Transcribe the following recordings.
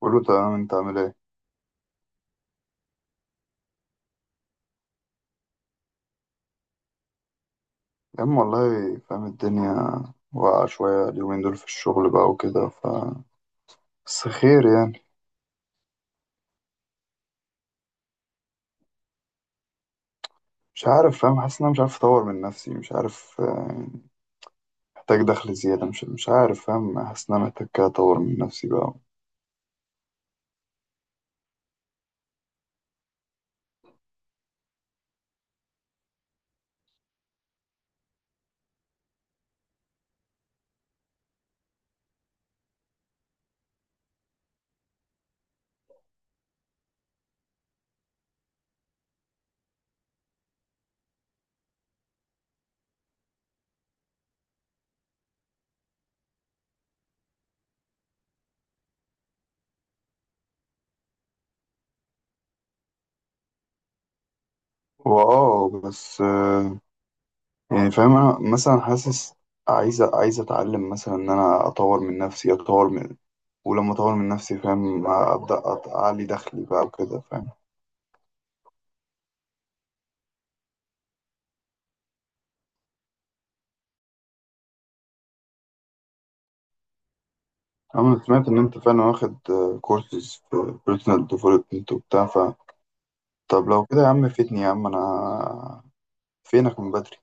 كله تمام. انت عامل ايه؟ يا عم والله فاهم الدنيا واقعة شوية اليومين دول في الشغل بقى وكده بس خير يعني. مش عارف، فاهم، حاسس ان انا مش عارف اطور من نفسي، مش عارف، محتاج دخل زيادة، مش عارف، فاهم، حاسس ان انا محتاج كده اطور من نفسي بقى. هو اه بس يعني فاهم، انا مثلا حاسس عايز اتعلم مثلا ان انا اطور من نفسي، اطور من، ولما اطور من نفسي فاهم ابدا اعلي دخلي بقى وكده فاهم. أنا سمعت إن أنت فعلا واخد كورسز في بيرسونال ديفلوبمنت وبتاع طب لو كده يا عم فيتني يا عم، أنا فينك من بدري.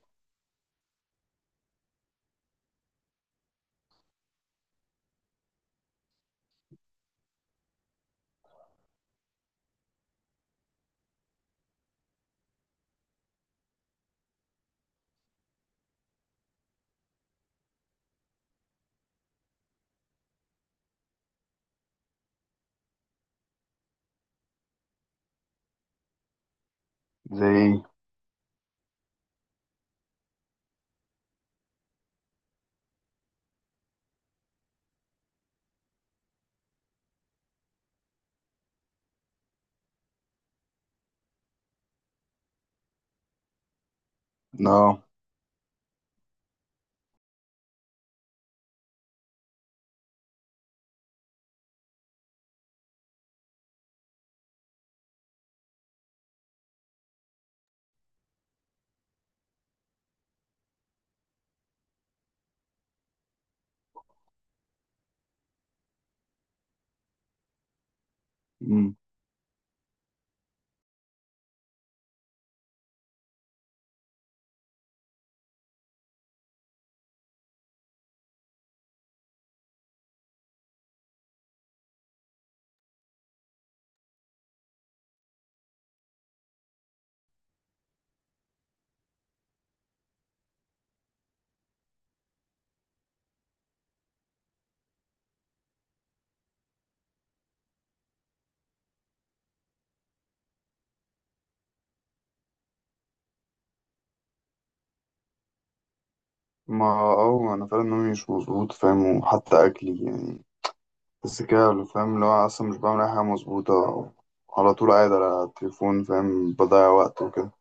زي إيه؟ آه. أمم. ما أنا فعلا نومي مش مظبوط فاهم، وحتى أكلي يعني، بس كده اللي فاهم اللي هو أصلا مش بعمل أي حاجة مظبوطة. على طول قاعد على التليفون، فاهم، بضيع وقت وكده.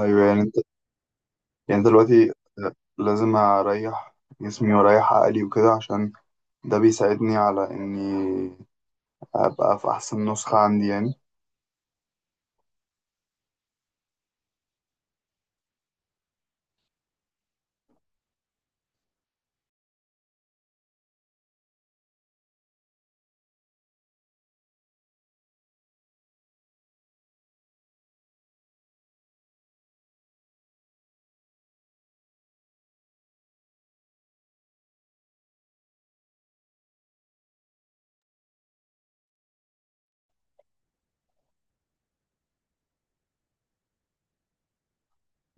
أيوة، يعني أنت، يعني أنت دلوقتي لازم أريح جسمي وأريح عقلي وكده، عشان ده بيساعدني على إني ابقى في احسن نسخة عندي يعني.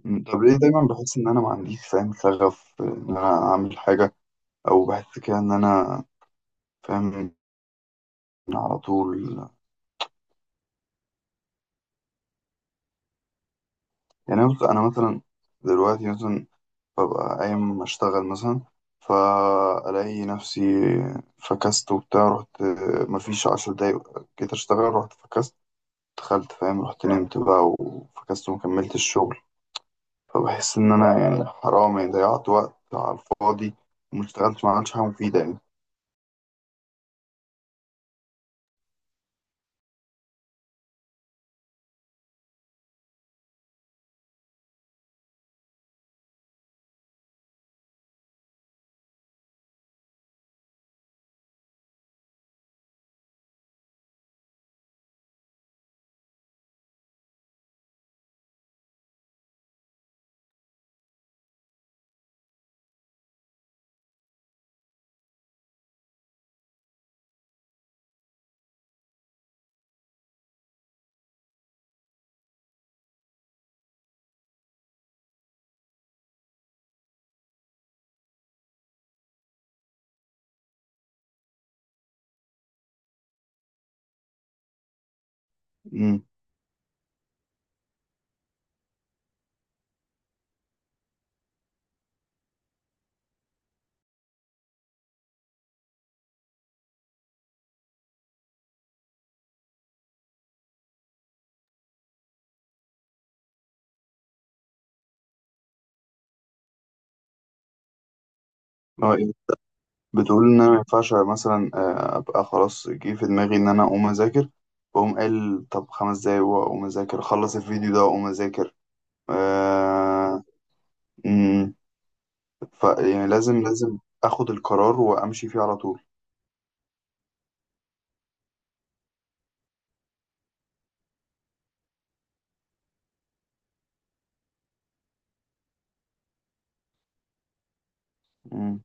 طب ليه دايما بحس ان انا ما عنديش فاهم شغف ان انا اعمل حاجة، او بحس كده ان انا فاهم على طول يعني. أنا مثلا دلوقتي مثلا ببقى قايم اشتغل مثلا، فالاقي نفسي فكست وبتاع، رحت. مفيش عشر دقايق جيت اشتغل رحت فكست. دخلت، فاهم، رحت نمت بقى وفكست ومكملت الشغل. فبحس ان انا يعني حرام، يعني ضيعت وقت على الفاضي وما اشتغلتش، ما عملتش حاجة مفيدة يعني. امم. هو ايه، بتقول ان انا ما ينفعش مثلا ابقى خلاص جه في دماغي ان انا اقوم اذاكر، واقوم قال طب خمس دقايق واقوم اذاكر اخلص الفيديو ده واقوم اذاكر؟ آه. امم. يعني لازم اخد القرار وامشي فيه على طول. امم.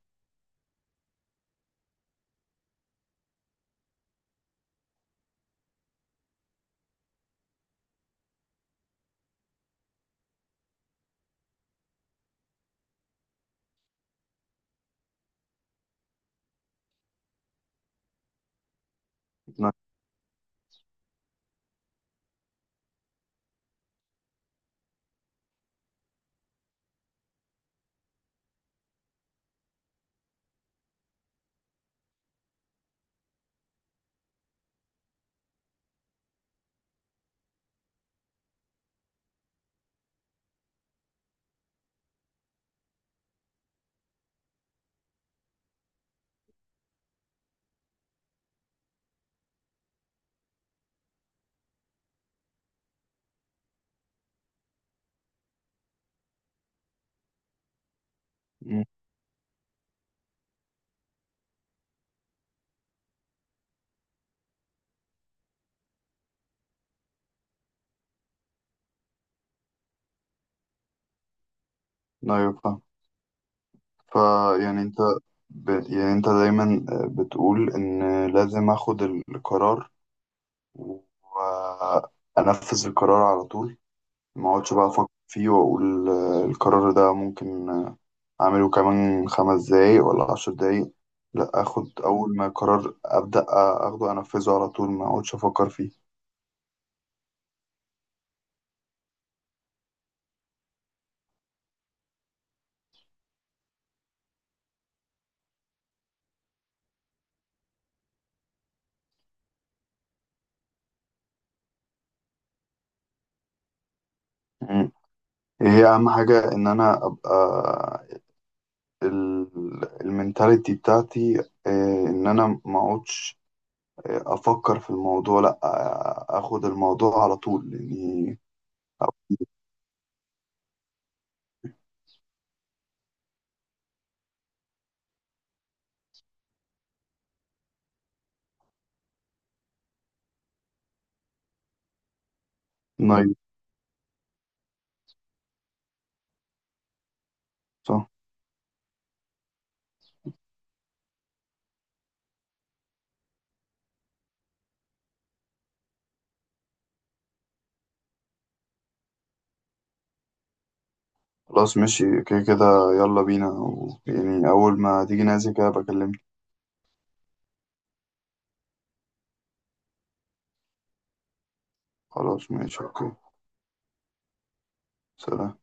لا. مم. لا يفهم. ف يعني انت يعني انت دايما بتقول ان لازم اخد القرار وانفذ القرار على طول، ما اقعدش بقى افكر فيه واقول القرار ده ممكن اعمله كمان خمس دقايق ولا عشر دقايق. لا، اخد اول ما قرار ابدا اخده انفذه على طول، ما اقعدش افكر فيه. مم. هي اهم حاجه ان انا ابقى المينتاليتي بتاعتي ان انا ما اقعدش افكر في الموضوع، لا اخد الموضوع على طول يعني. نايس. صح. خلاص ماشي كده كده، يلا بينا يعني اول ما تيجي نازل كده بكلمك. خلاص ماشي اوكي. سلام.